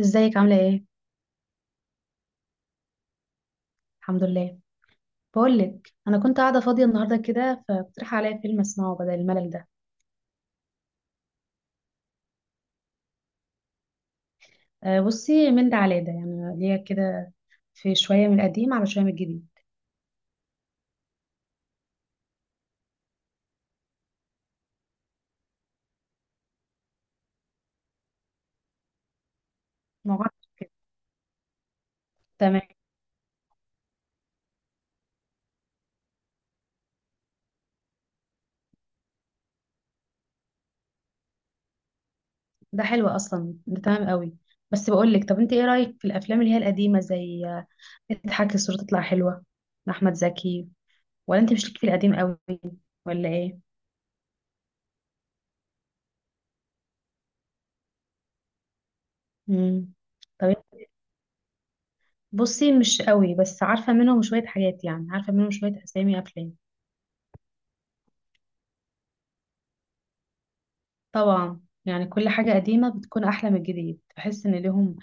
ازيك عاملة ايه؟ الحمد لله. بقولك انا كنت قاعدة فاضية النهاردة كده فاقترح عليا فيلم اسمعه بدل الملل ده. أه، بصي من ده على ده يعني ليا كده. في شوية من القديم على شوية من الجديد مع بعض كده. تمام. ده حلو اصلا، ده تمام قوي. بس بقولك، طب انت ايه رأيك في الافلام اللي هي القديمة زي اضحك الصورة تطلع حلوة، احمد زكي؟ ولا انت مش ليك في القديم قوي ولا ايه؟ مم. طب بصي، مش قوي بس عارفة منهم شوية حاجات، يعني عارفة منهم شوية اسامي افلام. طبعا يعني كل حاجة قديمة بتكون أحلى من الجديد، بحس إن ليهم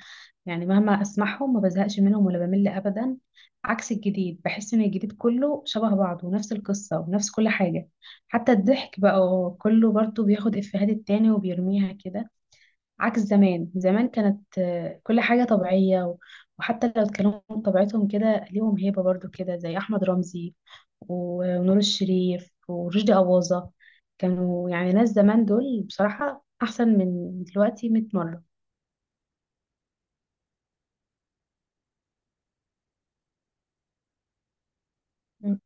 يعني مهما أسمعهم ما بزهقش منهم ولا بمل أبدا. عكس الجديد، بحس إن الجديد كله شبه بعضه، ونفس القصة ونفس كل حاجة. حتى الضحك بقى هو كله برضه بياخد إفيهات التاني وبيرميها كده. عكس زمان، زمان كانت كل حاجة طبيعية وحتى لو اتكلموا بطبيعتهم كده ليهم هيبة برضه كده، زي أحمد رمزي ونور الشريف ورشدي أباظة. كانوا يعني ناس، زمان دول بصراحة أحسن من دلوقتي 100 مرة. مم.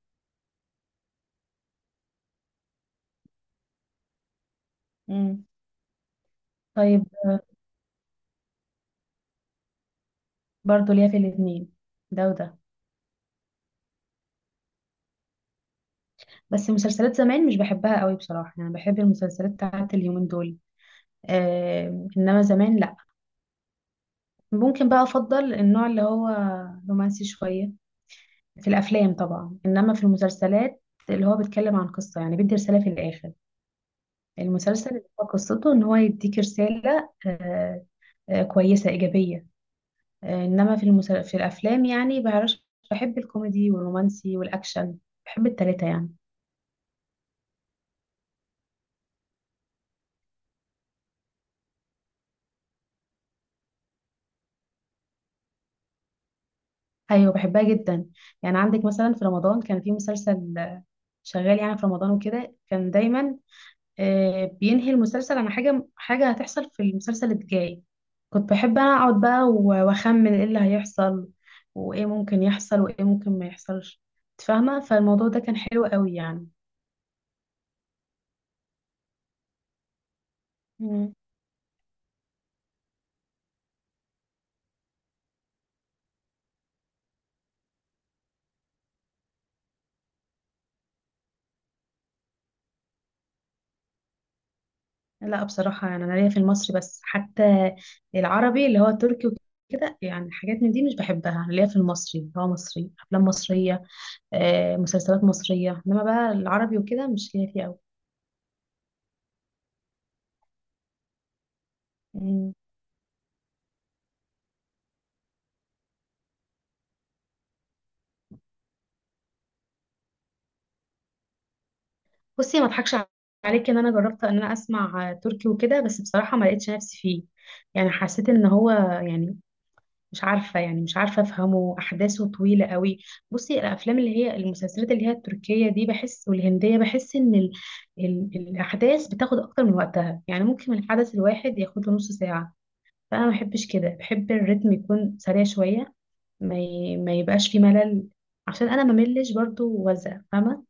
مم. طيب، برضو ليا في الاتنين، ده وده. بس مسلسلات زمان مش بحبها قوي بصراحة، يعني بحب المسلسلات بتاعت اليومين دول. آه، إنما زمان لأ. ممكن بقى أفضل النوع اللي هو رومانسي شوية في الأفلام طبعا، إنما في المسلسلات اللي هو بيتكلم عن قصة يعني بيدي رسالة في الآخر. المسلسل اللي هو قصته ان هو يديك رسالة كويسة إيجابية. انما في الافلام يعني بعرفش. بحب الكوميدي والرومانسي والاكشن، بحب التلاتة يعني. ايوه، بحبها جدا. يعني عندك مثلا في رمضان كان في مسلسل شغال يعني في رمضان وكده، كان دايما بينهي المسلسل عن حاجة، حاجة هتحصل في المسلسل الجاي. كنت بحب انا اقعد بقى واخمن ايه اللي هيحصل، وايه ممكن يحصل وايه ممكن ما يحصلش. إنت فاهمة، فالموضوع ده كان حلو قوي يعني. مم. لا بصراحة، يعني انا ليا في المصري بس. حتى العربي اللي هو التركي وكده، يعني حاجات من دي مش بحبها. أنا ليا في المصري، اللي هو مصري، افلام مصرية مسلسلات مصرية. انما بقى العربي وكده مش ليا فيه قوي. بصي، ما اضحكش عليكي، ان انا جربت ان انا اسمع تركي وكده بس بصراحه ما لقيتش نفسي فيه. يعني حسيت ان هو، يعني مش عارفه، يعني مش عارفه افهمه، احداثه طويله قوي. بصي الافلام اللي هي المسلسلات اللي هي التركيه دي بحس، والهنديه بحس ان الاحداث بتاخد اكتر من وقتها. يعني ممكن الحدث الواحد ياخد له نص ساعه، فانا ما بحبش كده. بحب الريتم يكون سريع شويه، ما يبقاش فيه ملل، عشان انا ما ملش برضو، وزق فاهمه.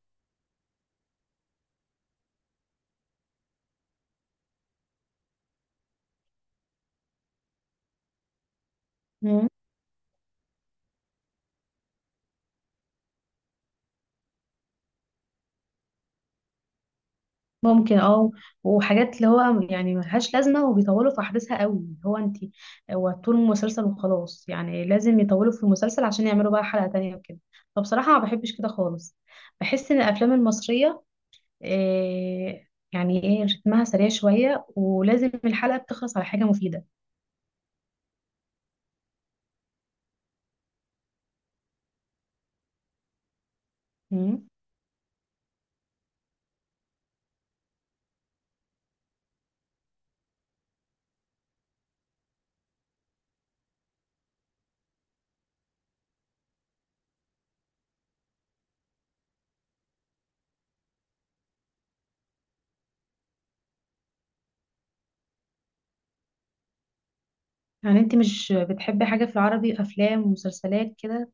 ممكن، اه. وحاجات اللي هو يعني ملهاش لازمة وبيطولوا في أحداثها قوي، اللي هو انت، هو طول المسلسل وخلاص، يعني لازم يطولوا في المسلسل عشان يعملوا بقى حلقة تانية وكده. فبصراحة ما بحبش كده خالص. بحس إن الأفلام المصرية إيه، يعني ايه، رتمها سريع شوية، ولازم الحلقة بتخلص على حاجة مفيدة. مم. يعني انت مش بتحبي حاجة في العربي، أفلام ومسلسلات كده؟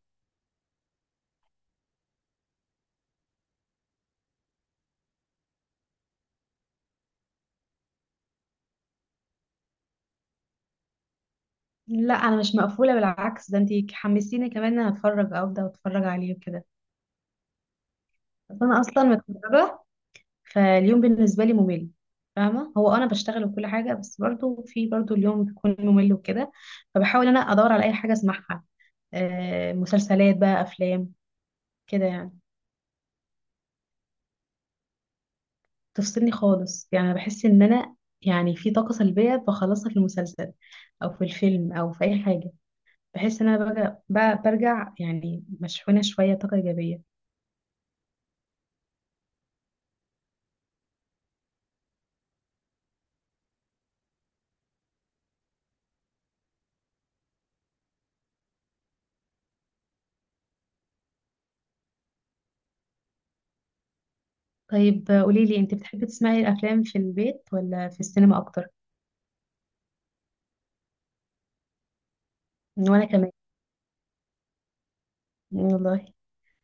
لا أنا مش مقفولة، بالعكس ده انت حمسيني كمان إن أنا أتفرج، أبدأ أتفرج عليه وكده. بس أنا أصلا متفرجة، فاليوم بالنسبة لي ممل. فاهمة، هو أنا بشتغل وكل حاجة بس برضو اليوم بيكون ممل وكده. فبحاول أنا أدور على أي حاجة أسمعها، مسلسلات بقى، أفلام، كده يعني. تفصلني خالص، يعني أنا بحس إن أنا يعني في طاقة سلبية بخلصها في المسلسل أو في الفيلم أو في أي حاجة. بحس إن أنا برجع يعني مشحونة شوية، طاقة إيجابية. طيب قوليلي، أنت بتحبي تسمعي الأفلام في البيت ولا في السينما أكتر؟ وأنا كمان. والله،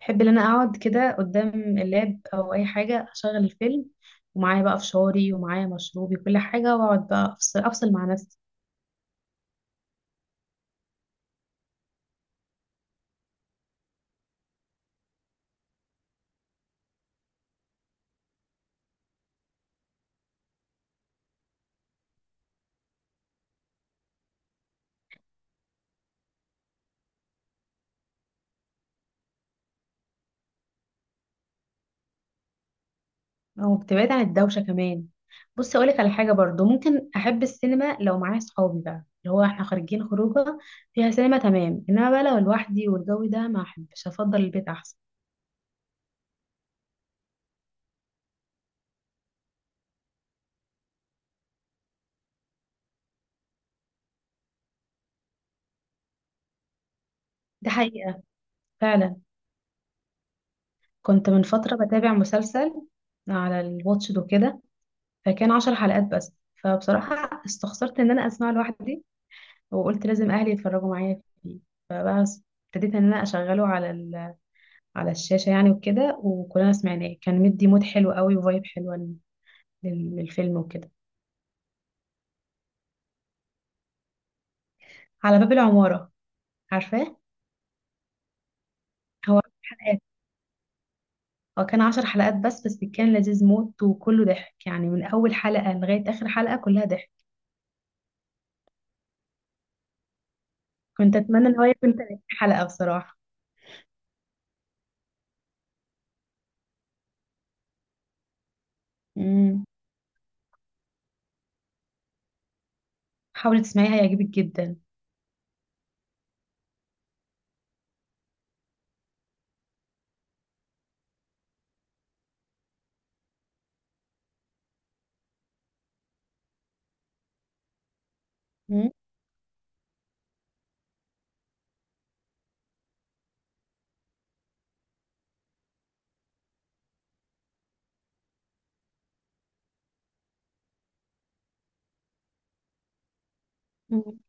بحب ان انا اقعد كده قدام اللاب او اي حاجه، اشغل الفيلم ومعايا بقى فشاري ومعايا مشروبي كل حاجه، واقعد بقى افصل افصل مع نفسي. او بتبعد عن الدوشه كمان. بصي اقولك على حاجه برضو، ممكن احب السينما لو معايا صحابي بقى، اللي هو احنا خارجين خروجه فيها سينما، تمام. انما بقى لو لوحدي والجو ده، ما احبش، افضل البيت احسن. ده حقيقه فعلا. كنت من فتره بتابع مسلسل على الواتش دو كده، فكان 10 حلقات بس. فبصراحه استخسرت ان انا اسمع لوحدي، وقلت لازم اهلي يتفرجوا معايا فيه. فبقى س- ابتديت ان انا اشغله على على الشاشه يعني وكده، وكلنا سمعناه، كان مدي مود حلو قوي وفايب حلوه للفيلم وكده. على باب العماره، عارفاه؟ هو حلقات، هو كان 10 حلقات بس كان لذيذ موت وكله ضحك، يعني من اول حلقه لغايه اخر حلقه كلها ضحك. كنت اتمنى ان هو يكون 30 حلقه بصراحه. امم. حاولي تسمعيه، هيعجبك جدا. مم.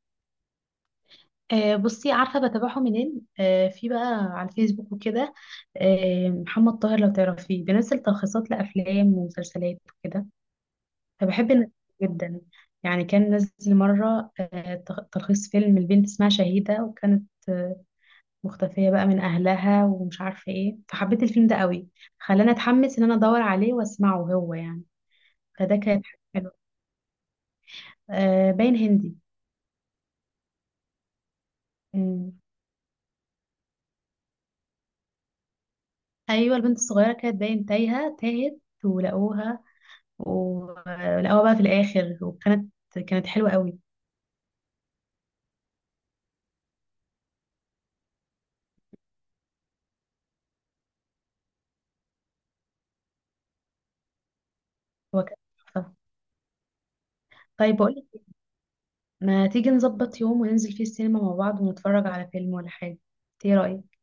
بصي عارفة بتابعه منين؟ في بقى على الفيسبوك وكده محمد طاهر، لو تعرفيه بينزل تلخيصات لأفلام ومسلسلات وكده. فبحب الناس دي جدا، يعني كان نزل مرة تلخيص فيلم، البنت اسمها شهيدة، وكانت مختفية بقى من أهلها ومش عارفة ايه، فحبيت الفيلم ده قوي، خلاني أتحمس إن أنا أدور عليه وأسمعه هو يعني. فده كانت حاجة حلوة. باين هندي. مم. أيوة، البنت الصغيرة كانت باين تايهة، تاهت. ولقوها ولقوها بقى في الآخر، وكانت، كانت حلوة قوي. هو كان تحفة. طيب بقولك، ما تيجي نظبط يوم وننزل فيه السينما مع بعض ونتفرج على فيلم ولا حاجة؟ إنت ايه رأيك؟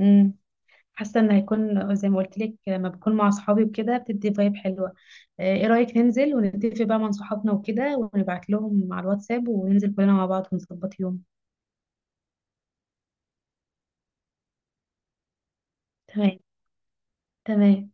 امم. حاسة ان هيكون زي ما قلت لك، لما بكون مع صحابي وكده بتدي فايب حلوة. ايه رأيك ننزل ونتفق بقى مع صحابنا وكده، ونبعت لهم على الواتساب، وننزل كلنا مع بعض ونظبط يوم. تمام، تمام.